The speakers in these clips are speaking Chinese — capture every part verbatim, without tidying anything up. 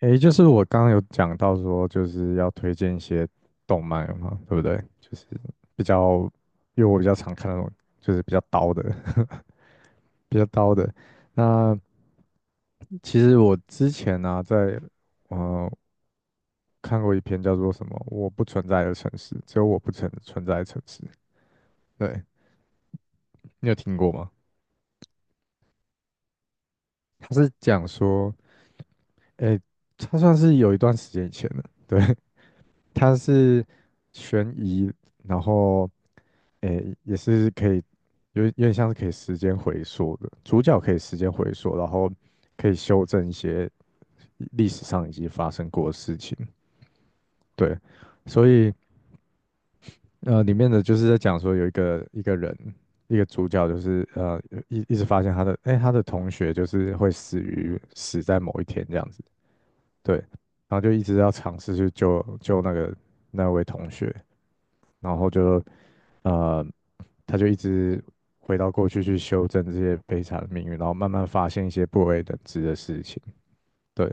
诶，就是我刚刚有讲到说，就是要推荐一些动漫嘛，对不对？就是比较，因为我比较常看那种，就是比较刀的，比较刀的。那其实我之前呢、在呃看过一篇叫做什么“我不存在的城市”，只有我不存存在的城市。对，你有听过吗？他是讲说，诶，他算是有一段时间以前的，对，他是悬疑，然后。诶，也是可以，有有点像是可以时间回溯的，主角可以时间回溯，然后可以修正一些历史上已经发生过的事情。对，所以呃，里面的就是在讲说有一个一个人，一个主角就是呃一一直发现他的，哎，他的同学就是会死于死在某一天这样子，对，然后就一直要尝试去救救那个那位同学，然后就呃，他就一直回到过去去修正这些悲惨的命运，然后慢慢发现一些不为人知的事情。对，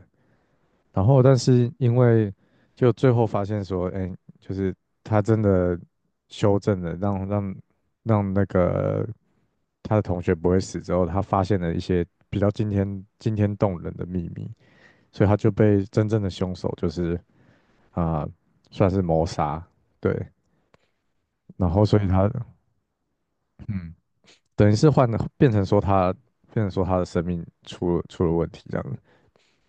然后但是因为就最后发现说，哎，就是他真的修正了，让让让那个他的同学不会死之后，他发现了一些比较惊天惊天动人的秘密，所以他就被真正的凶手就是啊、算是谋杀。对，然后所以他嗯。等于是换了，变成说他变成说他的生命出了出了问题这样子，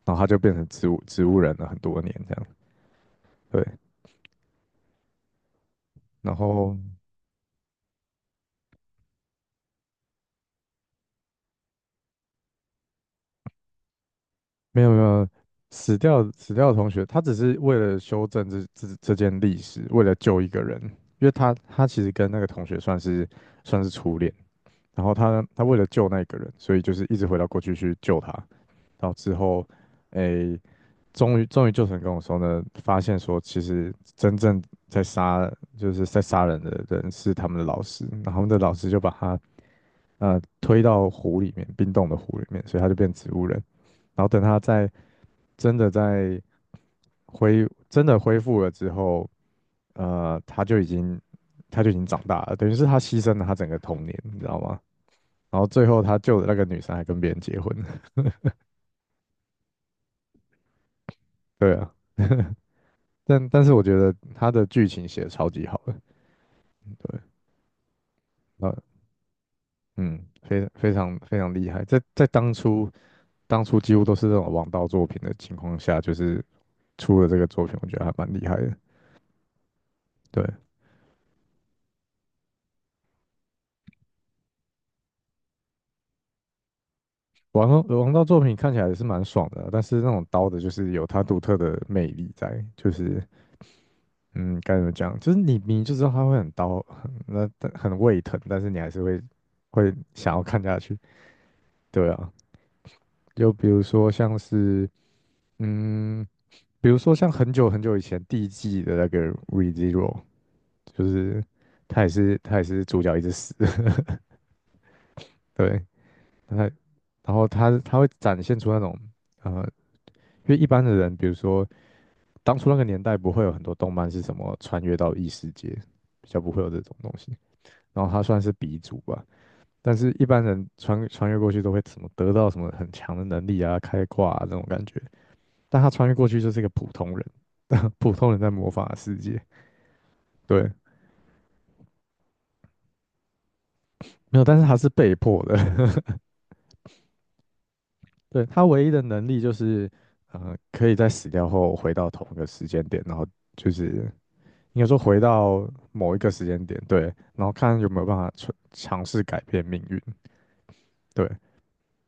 然后他就变成植物植物人了很多年这样，对，然后没有没有死掉死掉的同学，他只是为了修正这这这件历史，为了救一个人，因为他他其实跟那个同学算是算是初恋，然后他他为了救那个人，所以就是一直回到过去去救他，到之后，诶，终于终于救成跟我说呢，发现说其实真正在杀就是在杀人的人是他们的老师，然后他们的老师就把他呃推到湖里面，冰冻的湖里面，所以他就变植物人。然后等他在真的在恢真的恢复了之后，呃，他就已经他就已经长大了，等于是他牺牲了他整个童年，你知道吗？然后最后他救的那个女生还跟别人结婚了。 对啊。但但是我觉得他的剧情写的超级好的，对，那嗯，非非常非常厉害，在在当初当初几乎都是这种王道作品的情况下，就是出了这个作品，我觉得还蛮厉害的。对，王道王道作品看起来也是蛮爽的啊但是那种刀的，就是有它独特的魅力在，就是嗯，该怎么讲，就是你你就知道它会很刀，很那但很胃疼，但是你还是会会想要看下去。对啊，就比如说像是嗯。比如说像很久很久以前第一季的那个 ReZero，就是他也是他也是主角一直死，对，他然后他他会展现出那种呃，因为一般的人，比如说当初那个年代不会有很多动漫是什么穿越到异世界，比较不会有这种东西，然后他算是鼻祖吧。但是，一般人穿穿越过去都会什么得到什么很强的能力啊、开挂啊这种感觉，但他穿越过去就是一个普通人，普通人在魔法的世界，对，没有，但是他是被迫的。对，他唯一的能力就是，呃，可以在死掉后回到同一个时间点，然后就是应该说回到某一个时间点，对，然后看有没有办法尝尝试改变命运，对。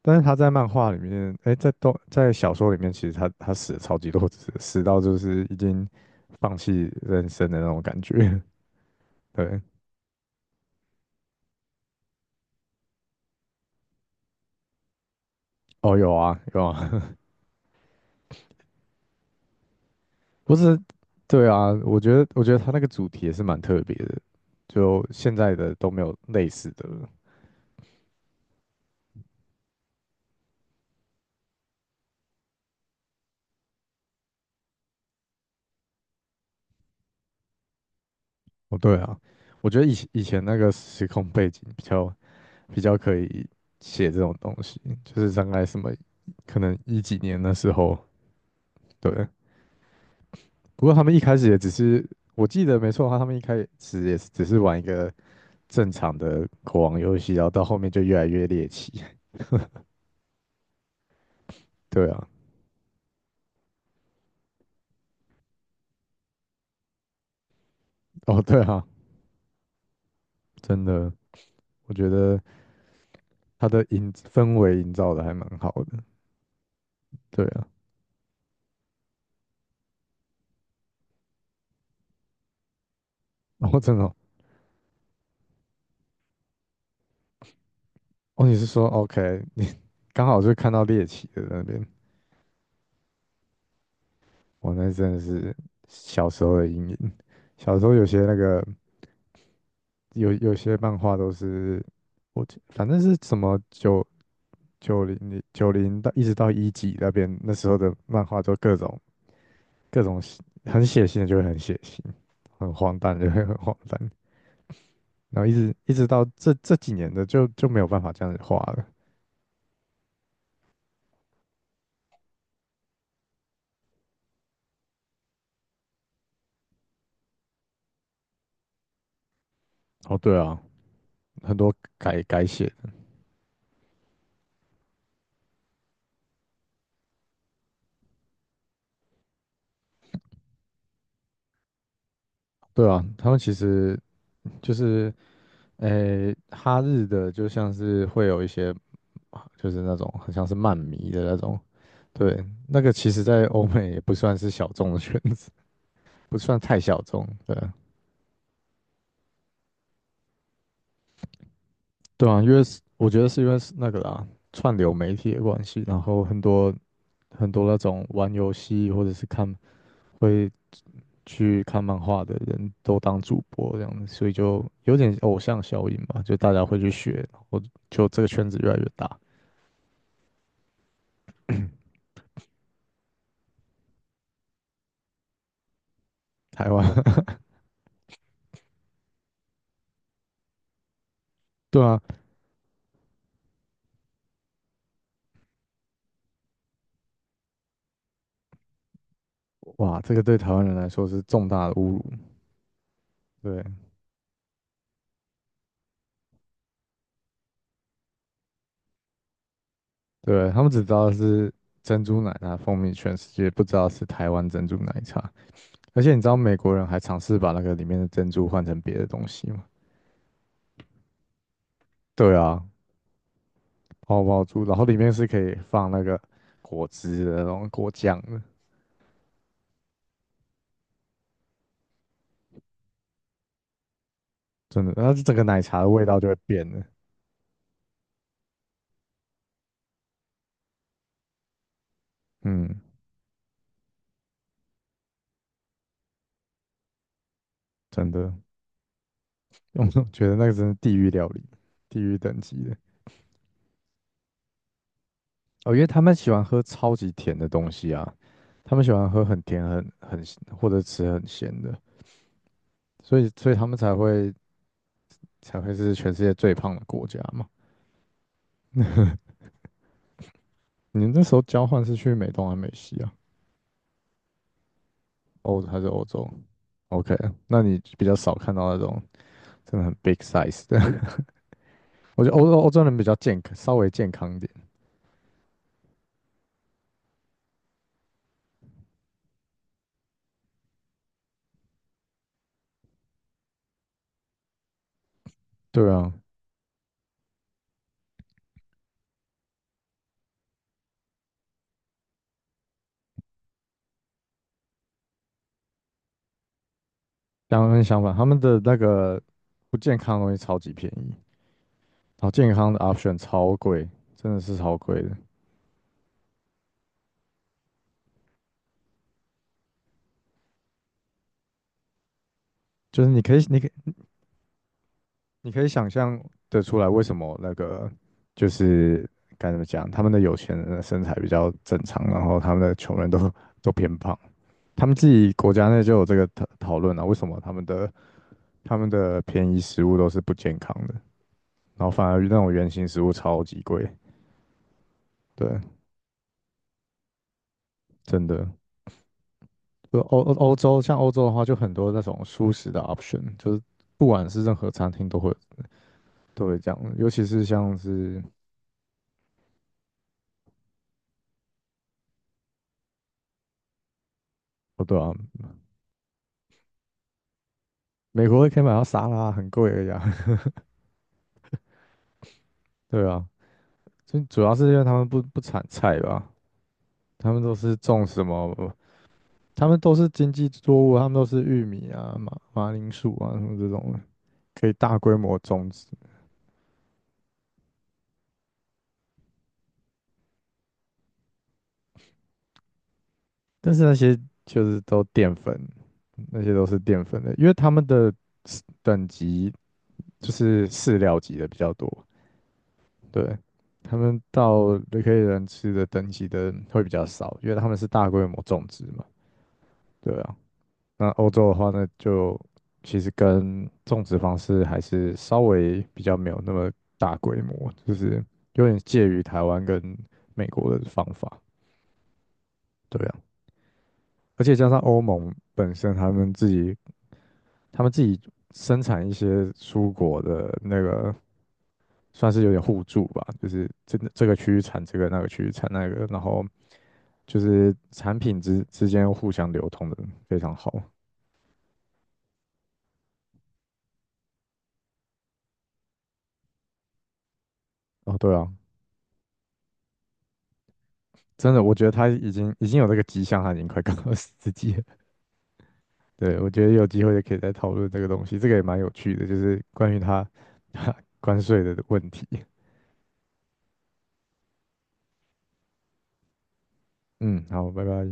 但是他在漫画里面，哎，在动在小说里面，其实他他死了超级多次，死到就是已经放弃人生的那种感觉。对，哦，有啊，有啊，不是，对啊，我觉得我觉得他那个主题也是蛮特别的，就现在的都没有类似的了。哦，对啊，我觉得以前以前那个时空背景比较比较可以写这种东西，就是大概什么可能一几年的时候，对。不过他们一开始也只是，我记得没错的话，他们一开始也是只是玩一个正常的国王游戏，然后到后面就越来越猎奇。对啊，哦，对啊，真的，我觉得。它的营氛围营造的还蛮好的，对啊，然后真的哦，哦你是说 OK，你刚好就看到猎奇的那边，我那真的是小时候的阴影。小时候有些那个有有些漫画都是我记反正是什么九九零九零到一直到一几那边那时候的漫画都各种各种血很血腥的就会很血腥，很荒诞就会很荒诞，然后一直一直到这这几年的就就没有办法这样子画了。哦，对啊，很多改改写，对啊，他们其实就是诶、哈日的就像是会有一些就是那种很像是漫迷的那种，对，那个其实在欧美也不算是小众的圈子，不算太小众，对啊对啊，因为是我觉得是因为是那个啦，串流媒体的关系，然后很多很多那种玩游戏或者是看会去看漫画的人都当主播这样子，所以就有点偶像效应吧，就大家会去学，然后就这个圈子越来越大。台湾，对啊，哇，这个对台湾人来说是重大的侮辱。对，对，他们只知道是珍珠奶茶风靡全世界，不知道是台湾珍珠奶茶。而且你知道美国人还尝试把那个里面的珍珠换成别的东西吗？对啊，泡泡珠，然后里面是可以放那个果汁的，然后果酱的，真的，然后整个奶茶的味道就会变了。嗯，真的，我觉得那个真是地狱料理，地狱等级的。哦，因为他们喜欢喝超级甜的东西啊，他们喜欢喝很甜、很很或者吃很咸的，所以所以他们才会才会是全世界最胖的国家嘛。你那时候交换是去美东还是美西啊？欧还是欧洲？OK，那你比较少看到那种真的很 big size 的。我觉得欧洲欧洲人比较健康，稍微健康一点。对啊，两个人相反，他们的那个不健康的东西超级便宜。然后健康的 option 超贵，真的是超贵的。就是你可以，你可以你可以想象得出来，为什么那个就是该怎么讲，他们的有钱人的身材比较正常，然后他们的穷人都都偏胖。他们自己国家内就有这个讨讨论啊，为什么他们的他们的便宜食物都是不健康的，然后反而那种原形食物超级贵。对，真的，就欧欧欧洲像欧洲的话，就很多那种舒食的 option，就是不管是任何餐厅都会。对，这样，尤其是像是哦，对啊，美国可以买到沙拉，很贵的呀，对啊，就主要是因为他们不不产菜吧，他们都是种什么，他们都是经济作物，他们都是玉米啊、马马铃薯啊什么这种可以大规模种植，但是那些就是都淀粉，那些都是淀粉的，因为他们的 s- 等级就是饲料级的比较多，对，他们到雷克利人吃的等级的会比较少，因为他们是大规模种植嘛。对啊，那欧洲的话呢，就其实跟种植方式还是稍微比较没有那么大规模，就是有点介于台湾跟美国的方法。对啊，而且加上欧盟本身他们自己，他们自己生产一些蔬果的那个算是有点互助吧，就是这这个区域产这个，那个区域产那个，然后就是产品之之间互相流通的非常好。哦，对啊，真的，我觉得他已经已经有这个迹象，他已经快告诉自己了。对，我觉得有机会也可以再讨论这个东西，这个也蛮有趣的，就是关于他 关税的问题。嗯，好，拜拜。